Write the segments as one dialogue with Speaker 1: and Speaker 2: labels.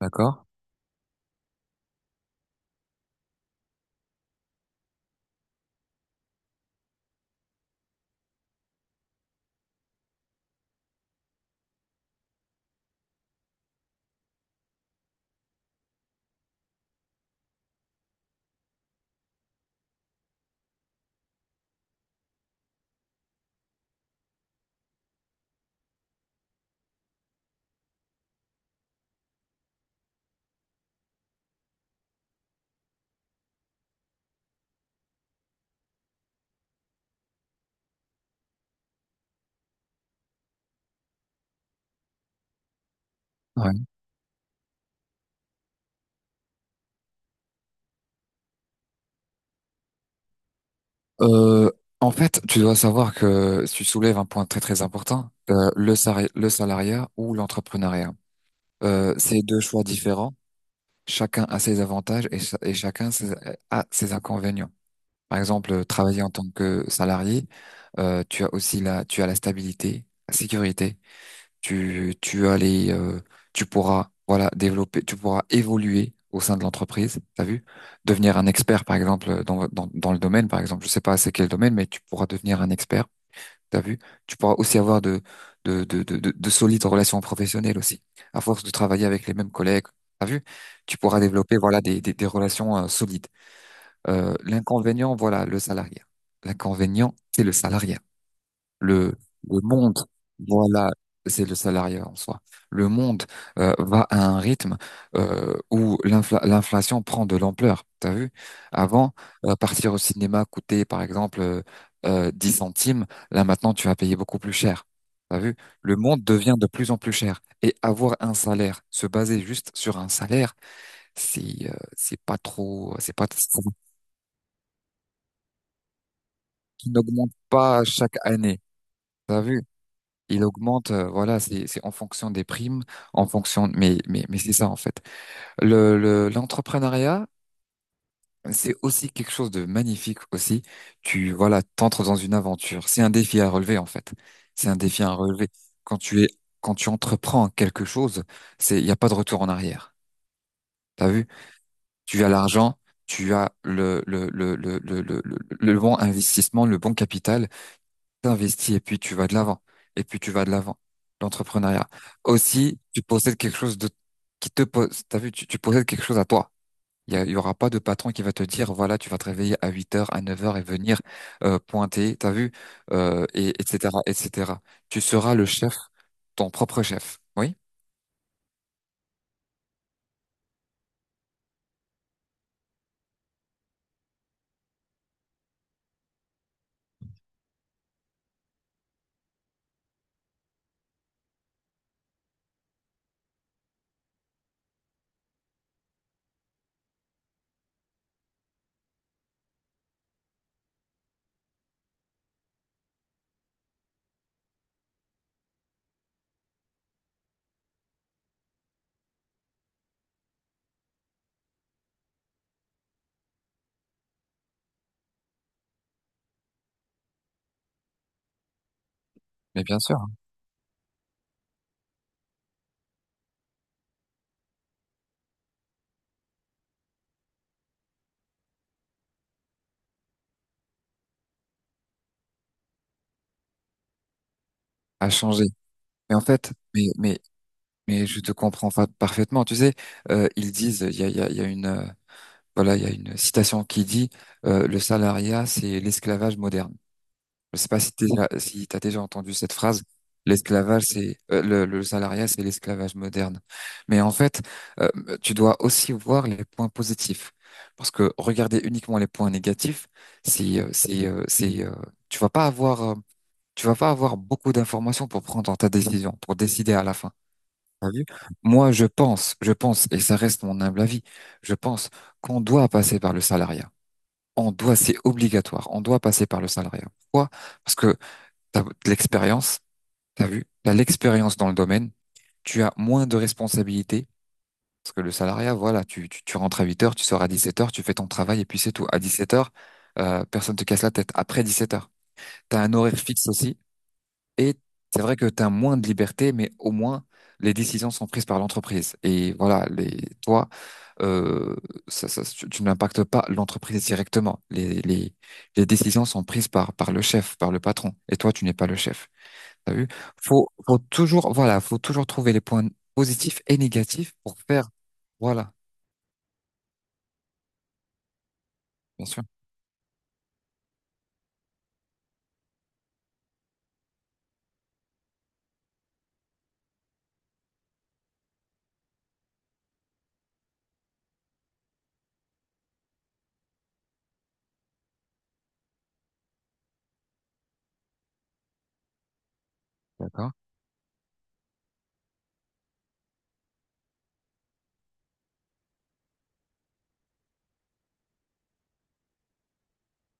Speaker 1: D'accord. Ouais. Euh, En fait, tu dois savoir que tu soulèves un point très très important, le salariat ou l'entrepreneuriat. C'est deux choix différents. Chacun a ses avantages et, et chacun a ses inconvénients. Par exemple, travailler en tant que salarié, tu as aussi tu as la stabilité, la sécurité, tu, tu as les, euh, tu pourras, voilà, développer, tu pourras évoluer au sein de l'entreprise, t'as vu? Devenir un expert, par exemple, dans le domaine, par exemple, je sais pas c'est quel domaine, mais tu pourras devenir un expert, t'as vu? Tu pourras aussi avoir de solides relations professionnelles aussi, à force de travailler avec les mêmes collègues. T'as vu? Tu pourras développer, voilà, des relations solides. L'inconvénient, voilà, le salariat. L'inconvénient, c'est le salariat le le monde, voilà, c'est le salariat en soi. Le monde va à un rythme où l'inflation prend de l'ampleur. T'as vu? Avant, partir au cinéma coûtait par exemple 10 centimes. Là maintenant, tu vas payer beaucoup plus cher. T'as vu? Le monde devient de plus en plus cher. Et avoir un salaire, se baser juste sur un salaire, c'est pas trop, c'est pas, qui n'augmente pas chaque année. T'as vu? Il augmente, voilà, c'est en fonction des primes, en fonction, mais c'est ça en fait. Le l'entrepreneuriat, c'est aussi quelque chose de magnifique aussi. Tu, voilà, t'entres dans une aventure. C'est un défi à relever en fait. C'est un défi à relever. Quand tu es Quand tu entreprends quelque chose, c'est il y a pas de retour en arrière. T'as vu? Tu as l'argent, tu as le bon investissement, le bon capital. T'investis et puis tu vas de l'avant. Et puis tu vas de l'avant. L'entrepreneuriat. Aussi, tu possèdes quelque chose de qui te pose. T'as vu, tu possèdes quelque chose à toi. Il y aura pas de patron qui va te dire, voilà, tu vas te réveiller à 8 heures, à 9 heures et venir pointer, t'as vu, et, etc., etc. Tu seras le chef, ton propre chef. Oui, mais bien sûr, hein, à changer. Mais en fait, je te comprends parfaitement. Tu sais, ils disent, il y a, il y a, il y a une, voilà, il y a une citation qui dit le salariat, c'est l'esclavage moderne. Je ne sais pas si t'as déjà entendu cette phrase. L'esclavage, le salariat, c'est l'esclavage moderne. Mais en fait, euh, tu dois aussi voir les points positifs, parce que regarder uniquement les points négatifs, c'est tu vas pas avoir euh, tu vas pas avoir beaucoup d'informations pour prendre ta décision, pour décider à la fin. T'as vu? Moi, je pense, et ça reste mon humble avis, je pense qu'on doit passer par le salariat. On doit, c'est obligatoire. On doit passer par le salariat. Pourquoi? Parce que t'as de l'expérience, t'as vu, t'as l'expérience dans le domaine, tu as moins de responsabilités. Parce que le salariat, voilà, tu rentres à 8 heures, tu sors à 17 heures, tu fais ton travail et puis c'est tout. À 17 heures, personne te casse la tête. Après 17 heures, t'as un horaire fixe aussi et c'est vrai que t'as moins de liberté, mais au moins les décisions sont prises par l'entreprise. Et voilà, toi, euh, tu n'impactes pas l'entreprise directement. Les décisions sont prises par le chef, par le patron. Et toi, tu n'es pas le chef. T'as vu? Faut toujours, voilà, faut toujours trouver les points positifs et négatifs pour faire. Voilà, bien sûr. D'accord?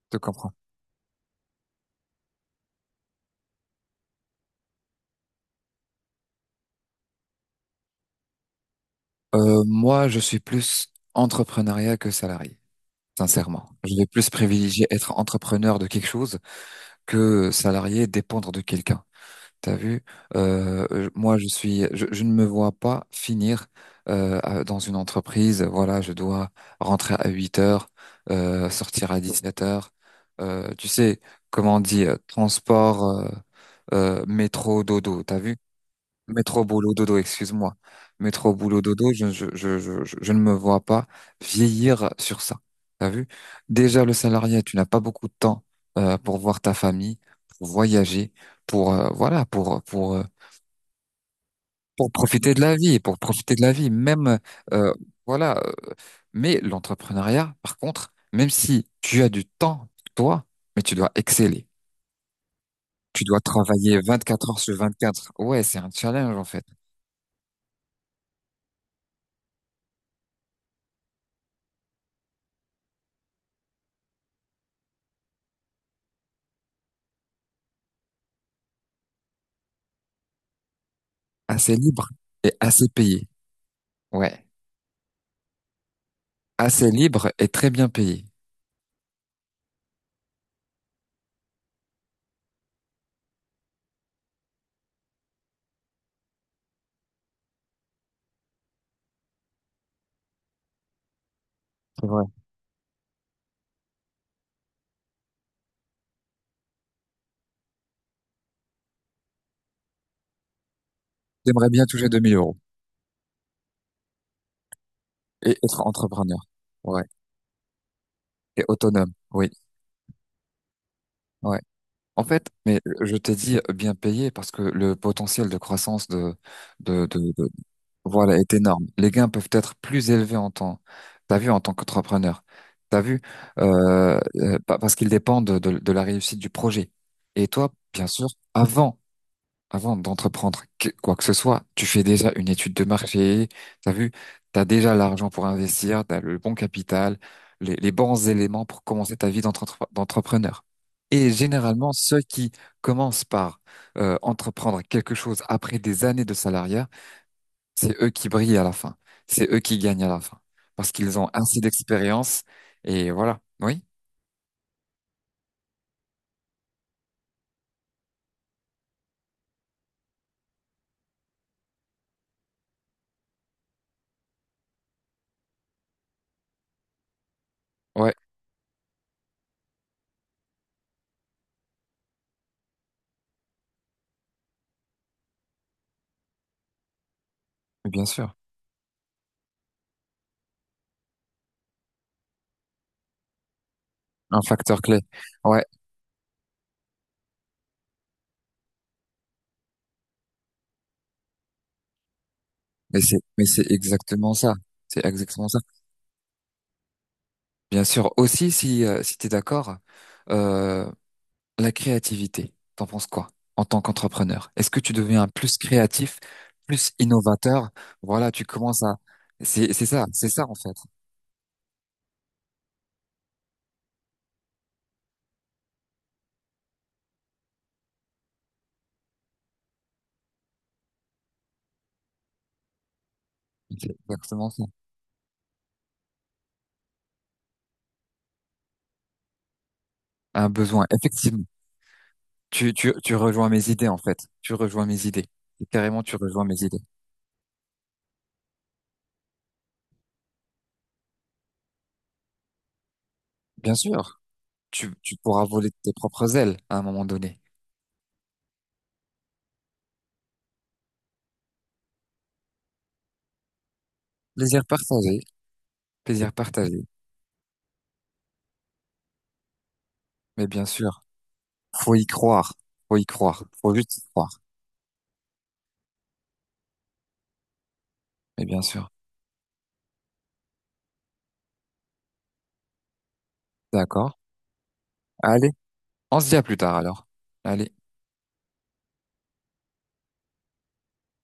Speaker 1: Je te comprends. Moi, je suis plus entrepreneuriat que salarié. Sincèrement, je vais plus privilégier être entrepreneur de quelque chose que salarié dépendre de quelqu'un. T'as vu, moi je ne me vois pas finir dans une entreprise. Voilà, je dois rentrer à 8 heures, sortir à 17 heures. Tu sais, comment on dit, transport, métro, dodo. T'as vu? Métro boulot dodo, excuse-moi. Métro boulot dodo, je ne me vois pas vieillir sur ça. T'as vu? Déjà, le salarié, tu n'as pas beaucoup de temps pour voir ta famille, pour voyager, pour euh, voilà, pour pour euh, pour profiter de la vie, pour profiter de la vie. Même euh, voilà. Mais l'entrepreneuriat, par contre, même si tu as du temps pour toi, mais tu dois exceller. Tu dois travailler 24 heures sur 24. Ouais, c'est un challenge en fait. Assez libre et assez payé. Ouais. Assez libre et très bien payé. C'est vrai. J'aimerais bien toucher 2000 € et être entrepreneur. Ouais. Et autonome. Oui. Ouais. En fait, mais je t'ai dit bien payé parce que le potentiel de croissance de, de, de- voilà, est énorme. Les gains peuvent être plus élevés en temps. T'as vu, en tant qu'entrepreneur. T'as vu, parce qu'ils dépendent de la réussite du projet. Et toi, bien sûr, avant Avant d'entreprendre quoi que ce soit, tu fais déjà une étude de marché, t'as vu, t'as déjà l'argent pour investir, t'as le bon capital, les bons éléments pour commencer ta vie d'entrepreneur. Et généralement, ceux qui commencent par entreprendre quelque chose après des années de salariat, c'est eux qui brillent à la fin, c'est eux qui gagnent à la fin, parce qu'ils ont assez d'expérience et voilà. Oui, ouais, bien sûr, un facteur clé. Ouais, mais c'est exactement ça, c'est exactement ça. Bien sûr. Aussi, si tu es d'accord, euh, la créativité, t'en penses quoi en tant qu'entrepreneur? Est-ce que tu deviens plus créatif, plus innovateur? Voilà, tu commences à... c'est ça en fait. C'est exactement ça. Un besoin. Effectivement, tu rejoins mes idées en fait. Tu rejoins mes idées. Et carrément, tu rejoins mes idées. Bien sûr, tu pourras voler de tes propres ailes à un moment donné. Plaisir partagé, plaisir partagé. Mais bien sûr, faut y croire. Faut y croire. Faut juste y croire. Mais bien sûr. D'accord. Allez, on se dit à plus tard alors. Allez.